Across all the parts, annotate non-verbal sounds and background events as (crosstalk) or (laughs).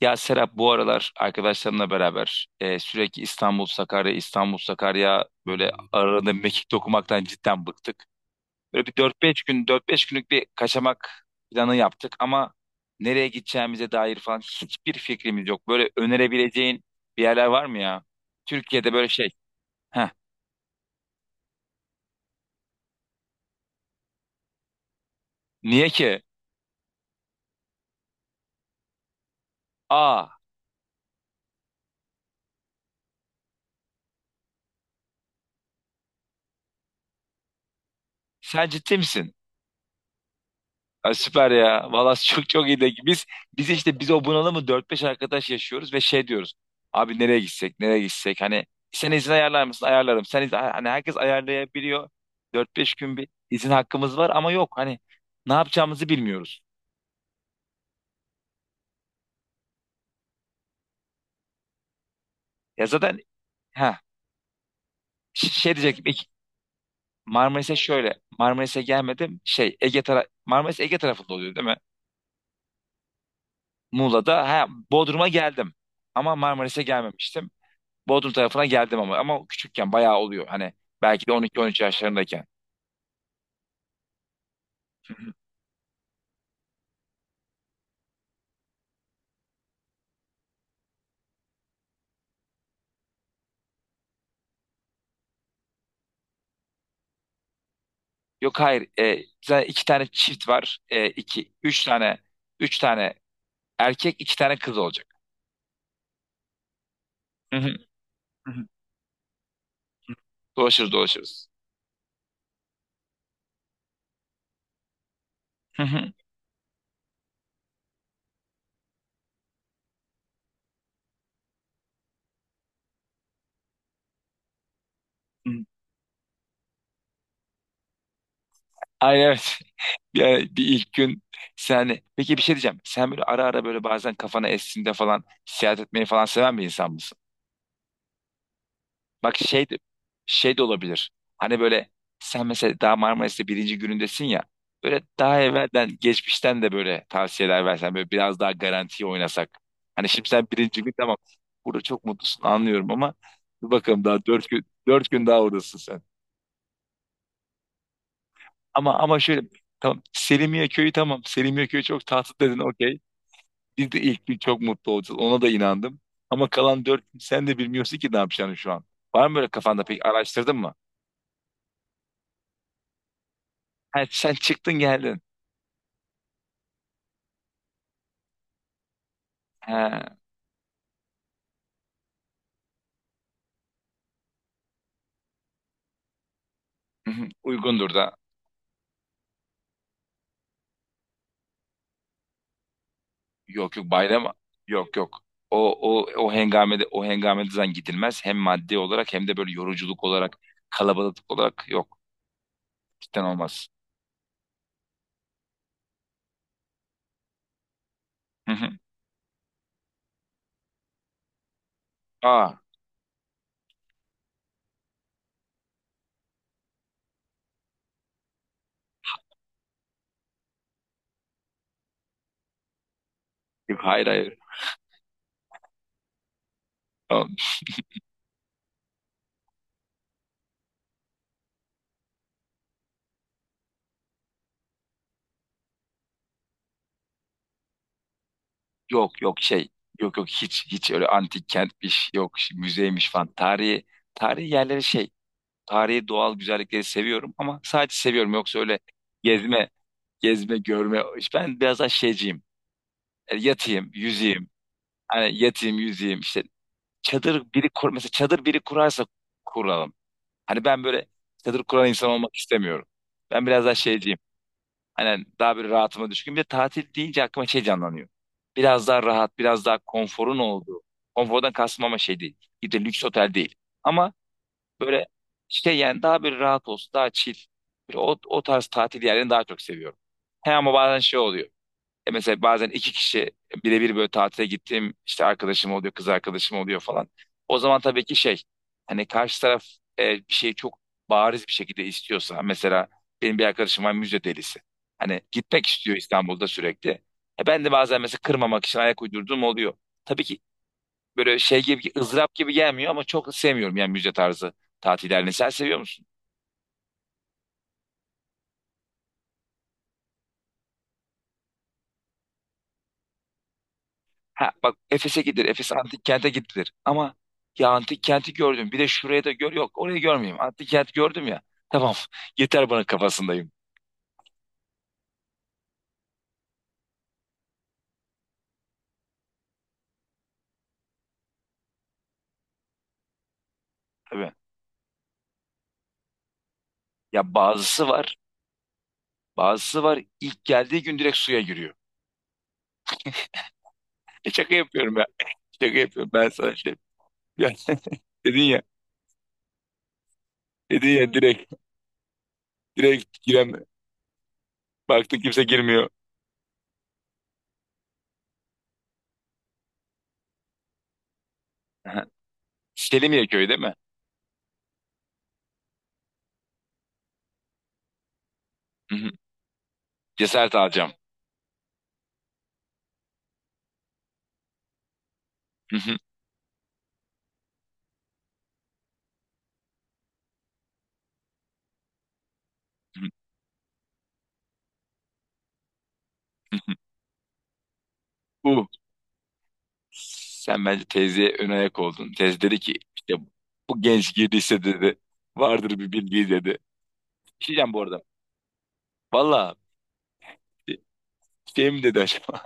Ya Serap bu aralar arkadaşlarımla beraber sürekli İstanbul Sakarya İstanbul Sakarya böyle arada mekik dokumaktan cidden bıktık. Böyle bir dört beş günlük bir kaçamak planı yaptık ama nereye gideceğimize dair falan hiçbir fikrimiz yok. Böyle önerebileceğin bir yerler var mı ya? Türkiye'de böyle şey. Heh, niye ki? Aa, sen ciddi misin? Ya süper ya. Valla (laughs) çok çok iyi de biz o bunalımı dört beş arkadaş yaşıyoruz ve şey diyoruz. Abi nereye gitsek nereye gitsek hani sen izin ayarlar mısın? Ayarlarım. Sen izin, hani herkes ayarlayabiliyor. Dört beş gün bir izin hakkımız var ama yok hani ne yapacağımızı bilmiyoruz. Ya zaten ha şey diyecektim ilk. Marmaris'e gelmedim şey. Ege tara Marmaris Ege tarafında oluyor değil mi? Muğla'da ha, Bodrum'a geldim ama Marmaris'e gelmemiştim. Bodrum tarafına geldim ama küçükken bayağı oluyor. Hani belki de 12-13 yaşlarındayken. Yok hayır zaten iki tane çift var. İki, üç tane erkek iki tane kız olacak. Hı hı. Hı hı. Dolaşırız dolaşırız. Hı hı. Hı. Ay evet. (laughs) yani bir ilk gün sen peki bir şey diyeceğim. Sen böyle ara ara böyle bazen kafana estiğinde falan seyahat etmeyi falan seven bir insan mısın? Bak şey de olabilir. Hani böyle sen mesela daha Marmaris'te birinci günündesin ya. Böyle daha evvelden, geçmişten de böyle tavsiyeler versen, böyle biraz daha garantiye oynasak. Hani şimdi sen birinci gün tamam. Burada çok mutlusun anlıyorum ama dur bakalım daha dört gün daha oradasın sen. Ama şöyle tamam, Selimiye köyü tamam. Selimiye köyü çok tatlı dedin okey. Biz de ilk gün çok mutlu olacağız. Ona da inandım. Ama kalan dört gün sen de bilmiyorsun ki ne yapacağını şu an. Var mı böyle kafanda, pek araştırdın mı? Ha, sen çıktın geldin. Ha. Hı hı, uygundur da. Yok yok bayram. Yok yok. O hengamede zaten gidilmez. Hem maddi olarak hem de böyle yoruculuk olarak, kalabalık olarak yok. Cidden olmaz. Hı hı. Aa, yok, hayır hayır. Tamam. Yok yok şey. Yok yok hiç hiç öyle antik kentmiş yok müzeymiş falan. Tarihi yerleri şey. Tarihi doğal güzellikleri seviyorum ama sadece seviyorum, yoksa öyle gezme gezme görme. Ben biraz daha şeyciyim. Yatayım, yüzeyim. Hani yatayım, yüzeyim. İşte çadır biri kur, mesela çadır biri kurarsa kuralım. Hani ben böyle çadır kuran insan olmak istemiyorum. Ben biraz daha şeyciyim. Hani daha böyle rahatıma düşkün. Bir de tatil deyince aklıma şey canlanıyor. Biraz daha rahat, biraz daha konforun olduğu. Konfordan kastım ama şey değil. Bir de lüks otel değil. Ama böyle işte yani daha bir rahat olsun, daha chill. Bir o tarz tatil yerlerini daha çok seviyorum. He ama bazen şey oluyor. Mesela bazen iki kişi birebir böyle tatile gittiğim işte arkadaşım oluyor, kız arkadaşım oluyor falan. O zaman tabii ki şey, hani karşı taraf bir şeyi çok bariz bir şekilde istiyorsa mesela benim bir arkadaşım var, müze delisi. Hani gitmek istiyor İstanbul'da sürekli. Ben de bazen mesela kırmamak için ayak uydurduğum oluyor. Tabii ki böyle şey gibi, ızdırap gibi gelmiyor ama çok sevmiyorum yani müze tarzı tatillerini. Sen seviyor musun? Ha, bak Efes'e gidilir. Efes antik kente gidilir. Ama ya antik kenti gördüm. Bir de şuraya da gör. Yok orayı görmeyeyim. Antik kent gördüm ya. Tamam. (laughs) Yeter bana kafasındayım. Tabii. Ya bazısı var. Bazısı var. İlk geldiği gün direkt suya giriyor. Şaka yapıyorum ya. Şaka yapıyorum. Ben sana işte. Ya, (laughs) dedin ya. Dedin ya direkt. Direkt giren. Baktın kimse girmiyor. Aha. Selimiye köyü değil mi? Hı hı. Cesaret alacağım. Hı hı. Bu. Sen bence teyzeye ön ayak oldun. Teyze dedi ki işte bu genç girdiyse dedi. Vardır bir bildiği dedi. Bir şey diyeceğim bu arada. Valla, şey mi dedi acaba?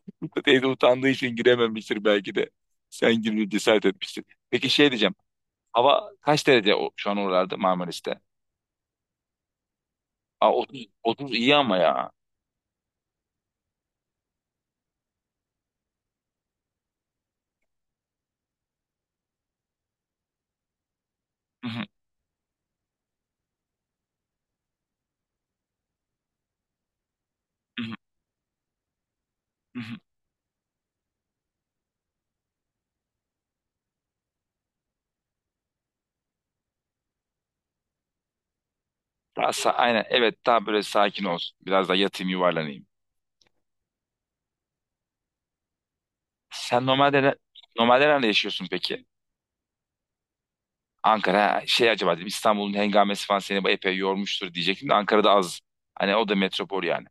(laughs) Teyze utandığı için girememiştir belki de. Sen girmeye cesaret etmişsin. Peki şey diyeceğim. Hava kaç derece şu an oralarda, Marmaris'te? Aa, 30, 30 iyi ama ya. (laughs) Hı hı hı. Hı, hı hı. Daha aynen evet, daha böyle sakin olsun. Biraz da yatayım yuvarlanayım. Sen normalde normalde nerede yaşıyorsun peki? Ankara ha, şey acaba dedim İstanbul'un hengamesi falan seni bu epey yormuştur diyecektim de Ankara'da az. Hani o da metropol yani.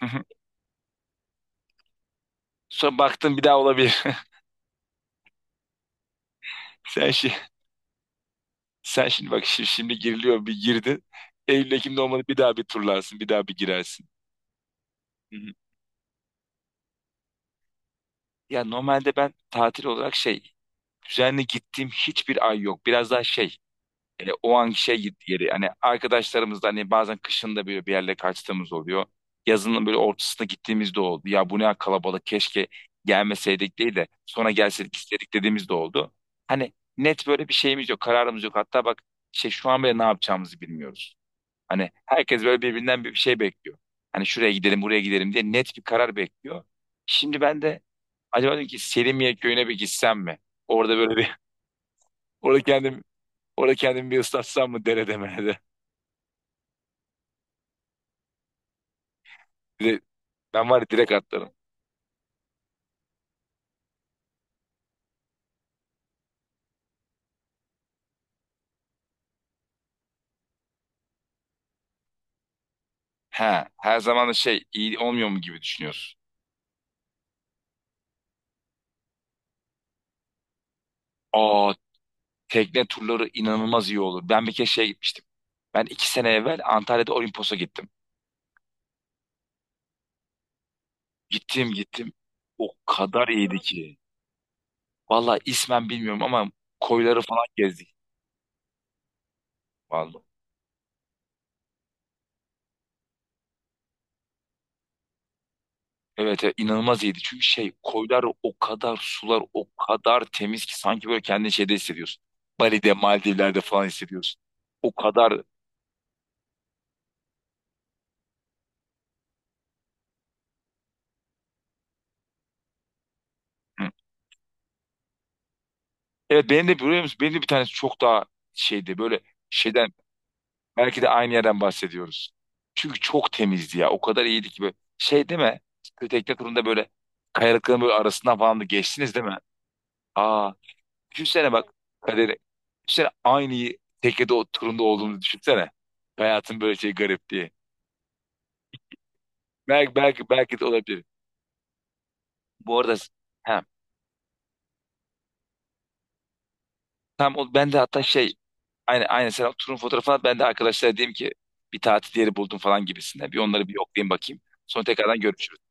(laughs) Sonra baktım bir daha olabilir. (laughs) Sen şey, sen şimdi bak, şimdi giriliyor bir girdin. Eylül Ekim'de olmadı bir daha bir turlarsın, bir daha bir girersin. Hı hı. Ya normalde ben tatil olarak şey, düzenli gittiğim hiçbir ay yok. Biraz daha şey, o anki şey gitti geri. Hani arkadaşlarımızla hani bazen kışın da böyle bir yerle kaçtığımız oluyor. Yazının böyle ortasına gittiğimiz de oldu. Ya bu ne kalabalık, keşke gelmeseydik değil de sonra gelseydik istedik dediğimiz de oldu. Hani net böyle bir şeyimiz yok, kararımız yok. Hatta bak şey, şu an bile ne yapacağımızı bilmiyoruz. Hani herkes böyle birbirinden bir şey bekliyor. Hani şuraya gidelim, buraya gidelim diye net bir karar bekliyor. Şimdi ben de acaba dedim ki, Selimiye köyüne bir gitsem mi? Orada böyle bir (laughs) orada kendim orada kendimi bir ıslatsam mı derede merede. Bir de ben var ya, direkt atlarım. He, her zaman da şey iyi olmuyor mu gibi düşünüyorsun. Aa, tekne turları inanılmaz iyi olur. Ben bir kere şeye gitmiştim. Ben iki sene evvel Antalya'da Olimpos'a gittim. Gittim gittim. O kadar iyiydi ki. Vallahi ismen bilmiyorum ama koyları falan gezdik. Vallahi. Evet, evet inanılmaz iyiydi. Çünkü şey koylar o kadar, sular o kadar temiz ki sanki böyle kendini şeyde hissediyorsun. Bali'de, Maldivler'de falan hissediyorsun. O kadar. Evet benim de, biliyor musun? Benim de bir tanesi çok daha şeydi böyle, şeyden belki de aynı yerden bahsediyoruz. Çünkü çok temizdi ya. O kadar iyiydi ki böyle şey deme. Kötü tekne turunda böyle kayalıkların böyle arasından falan da geçtiniz değil mi? Aa, düşünsene bak kaderi. Düşünsene aynı teknede o turunda olduğumuzu düşünsene. Hayatın böyle şey garip diye. Belki belki belki de olabilir. Bu arada ha, tam o, ben de hatta şey. Aynı sen turun fotoğrafını at. Ben de arkadaşlara diyeyim ki bir tatil yeri buldum falan gibisine. Bir onları bir yoklayayım bakayım. Sonra tekrardan görüşürüz.